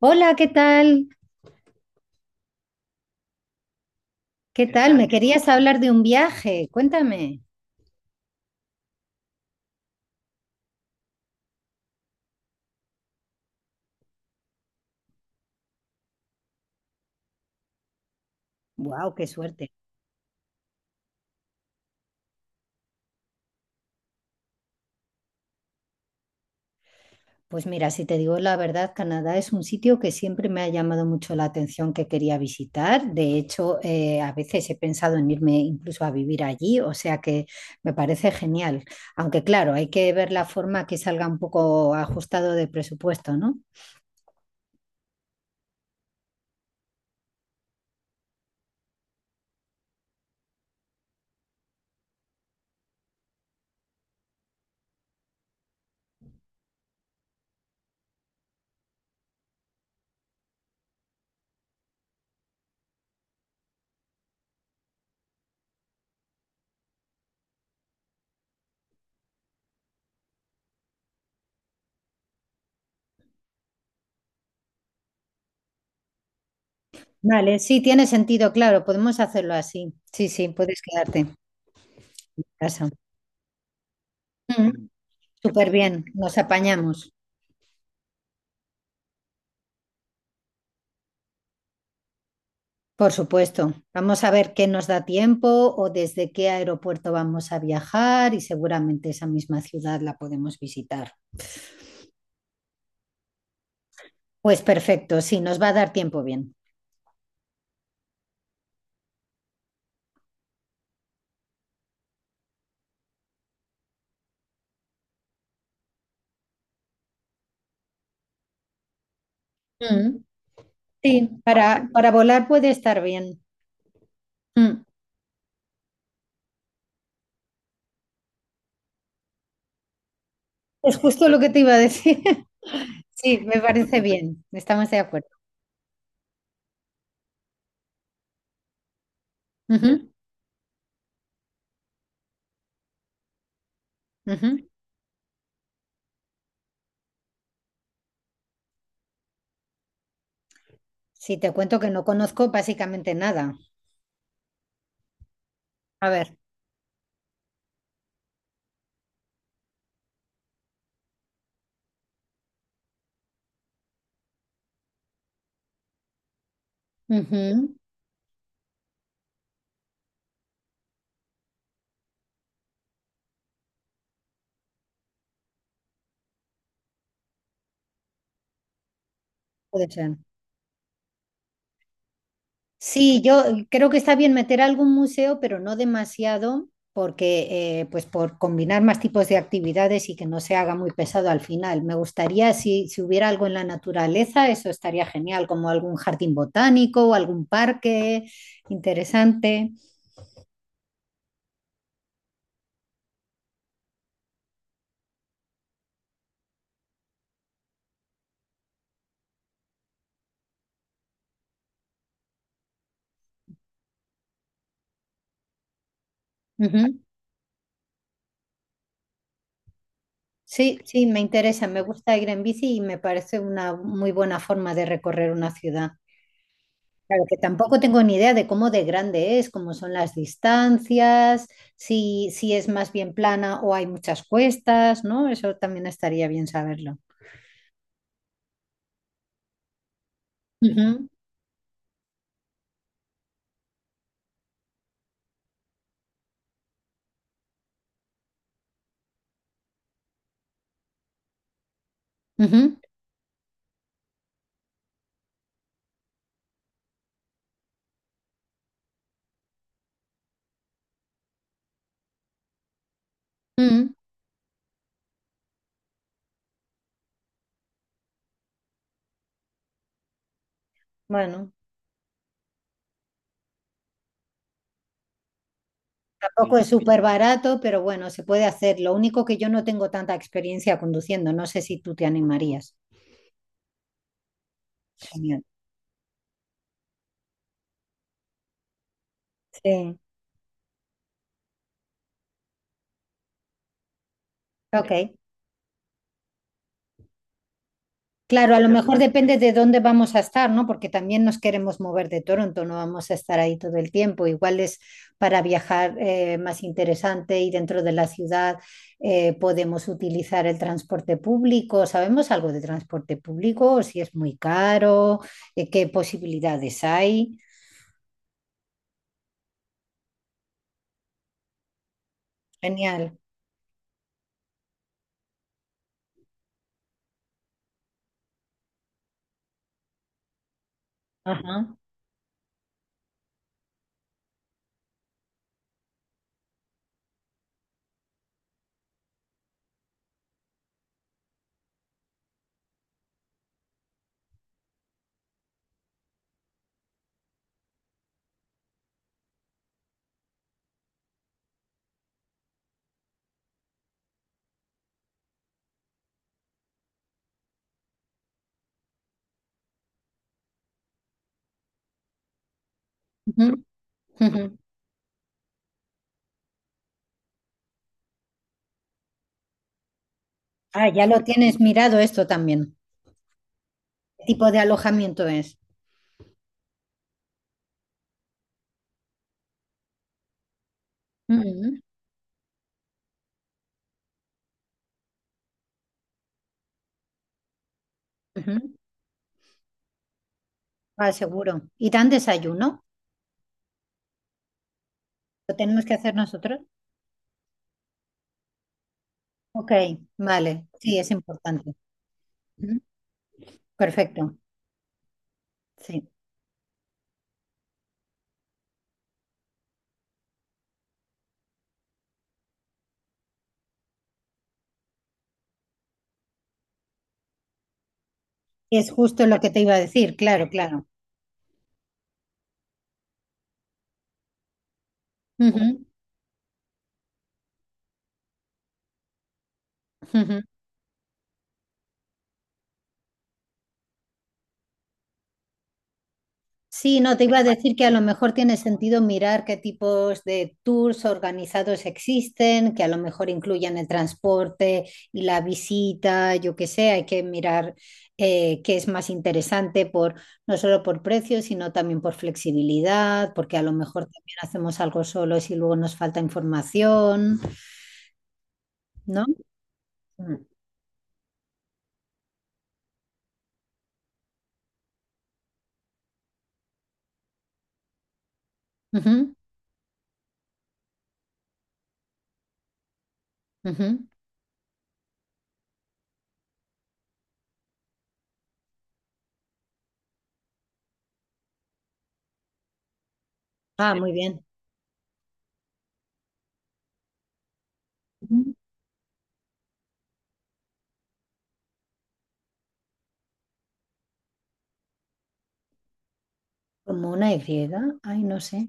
Hola, ¿qué tal? ¿Qué ¿Qué tal? Me tal? Querías hablar de un viaje. Cuéntame. ¡Wow, qué suerte! Pues mira, si te digo la verdad, Canadá es un sitio que siempre me ha llamado mucho la atención que quería visitar. De hecho, a veces he pensado en irme incluso a vivir allí, o sea que me parece genial. Aunque claro, hay que ver la forma que salga un poco ajustado de presupuesto, ¿no? Vale, sí, tiene sentido, claro, podemos hacerlo así. Sí, sí, puedes quedarte en casa. Mm, mm, súper bien, nos apañamos. Por supuesto, vamos a ver qué nos da tiempo o desde qué aeropuerto vamos a viajar y seguramente esa misma ciudad la podemos visitar. Pues perfecto, sí, nos va a dar tiempo bien. Mm, sí, para volar puede estar bien. Mm, Es justo lo que te iba a decir. Sí, me parece bien, estamos de acuerdo. Ujú, ujú. Sí, te cuento que no conozco básicamente nada. A ver, ujú, puede ser. Sí, yo creo que está bien meter algún museo, pero no demasiado, porque pues por combinar más tipos de actividades y que no se haga muy pesado al final. Me gustaría si, si hubiera algo en la naturaleza, eso estaría genial, como algún jardín botánico o algún parque interesante. Ujú. Sí, sí, me interesa, me gusta ir en bici y me parece una muy buena forma de recorrer una ciudad. Claro, que tampoco tengo ni idea de cómo de grande es, cómo son las distancias, si es más bien plana o hay muchas cuestas, ¿no? Eso también estaría bien saberlo. Ujú, ujú, ujú. Bueno, tampoco es súper barato, pero bueno, se puede hacer. Lo único que yo no tengo tanta experiencia conduciendo, no sé si tú te animarías. Genial. Sí, ok. Claro, a lo mejor depende de dónde vamos a estar, ¿no? Porque también nos queremos mover de Toronto, no vamos a estar ahí todo el tiempo. Igual es para viajar más interesante y dentro de la ciudad podemos utilizar el transporte público. ¿Sabemos algo de transporte público? ¿Si es muy caro? ¿Qué posibilidades hay? Genial. Ajá. Ujú, ujú. Ah, ya lo tienes mirado esto también. ¿Qué tipo de alojamiento es? Ujú, ujú. Ah, seguro. ¿Y dan desayuno? ¿Lo tenemos que hacer nosotros? Ok, vale, sí, es importante. Ujú, perfecto, sí. Es justo lo que te iba a decir, claro, claro. Ujú, ujú. Sí, no, te iba a decir que a lo mejor tiene sentido mirar qué tipos de tours organizados existen, que a lo mejor incluyan el transporte y la visita, yo qué sé, hay que mirar qué es más interesante por, no solo por precio, sino también por flexibilidad, porque a lo mejor también hacemos algo solo si luego nos falta información, ¿no? Mm. Ujú, ujú. Ah, muy bien. Ujú. Como una Y, ay, no sé.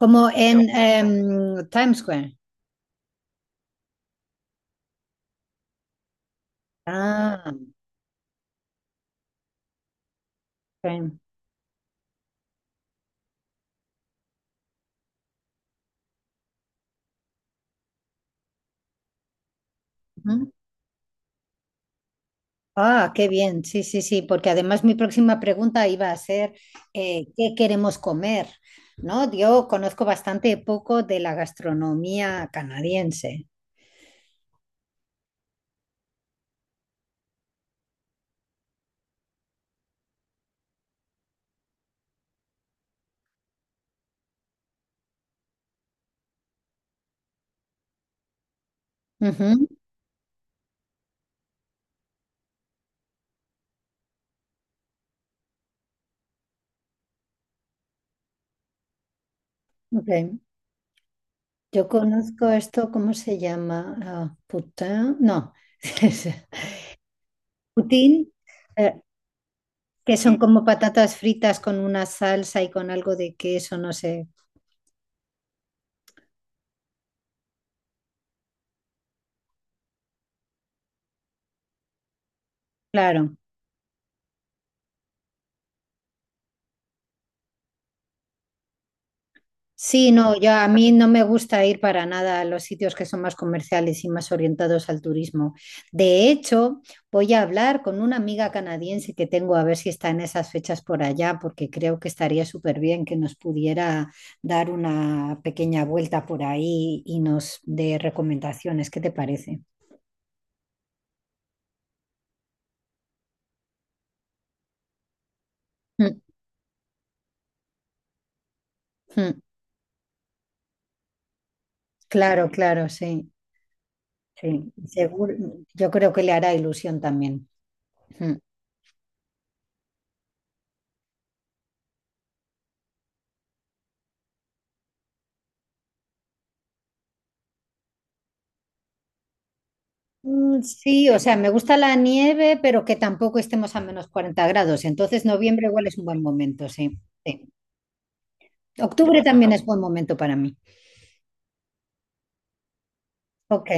Como en Times Square. Ah, ok. Ujú. Ah, qué bien, sí, sí, sí, porque además mi próxima pregunta iba a ser, ¿qué queremos comer? ¿No? Yo conozco bastante poco de la gastronomía canadiense. Ujú, ok. Yo conozco esto, ¿cómo se llama? Ah, putin, no, Putin. eh, que son como patatas fritas con una salsa y con algo de queso, no sé. Claro. Sí, no, yo a mí no me gusta ir para nada a los sitios que son más comerciales y más orientados al turismo. De hecho, voy a hablar con una amiga canadiense que tengo a ver si está en esas fechas por allá, porque creo que estaría súper bien que nos pudiera dar una pequeña vuelta por ahí y nos dé recomendaciones. ¿Qué te parece? Mm, mm. Claro, claro, sí, sí. Seguro, yo creo que le hará ilusión también. Mm. Mm, sí, o sea, me gusta la nieve, pero que tampoco estemos a -40 grados. Entonces, noviembre igual es un buen momento, sí. Sí. Octubre también es buen momento para mí. Ok,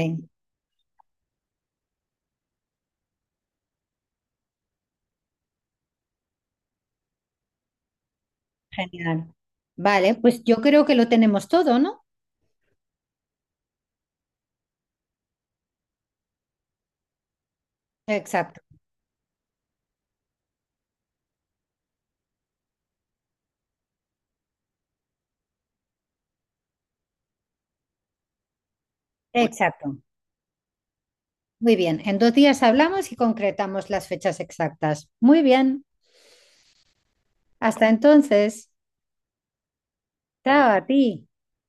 genial. Vale, pues yo creo que lo tenemos todo, ¿no? Exacto, exacto. Muy bien, en 2 días hablamos y concretamos las fechas exactas. Muy bien, hasta entonces. Chao a ti.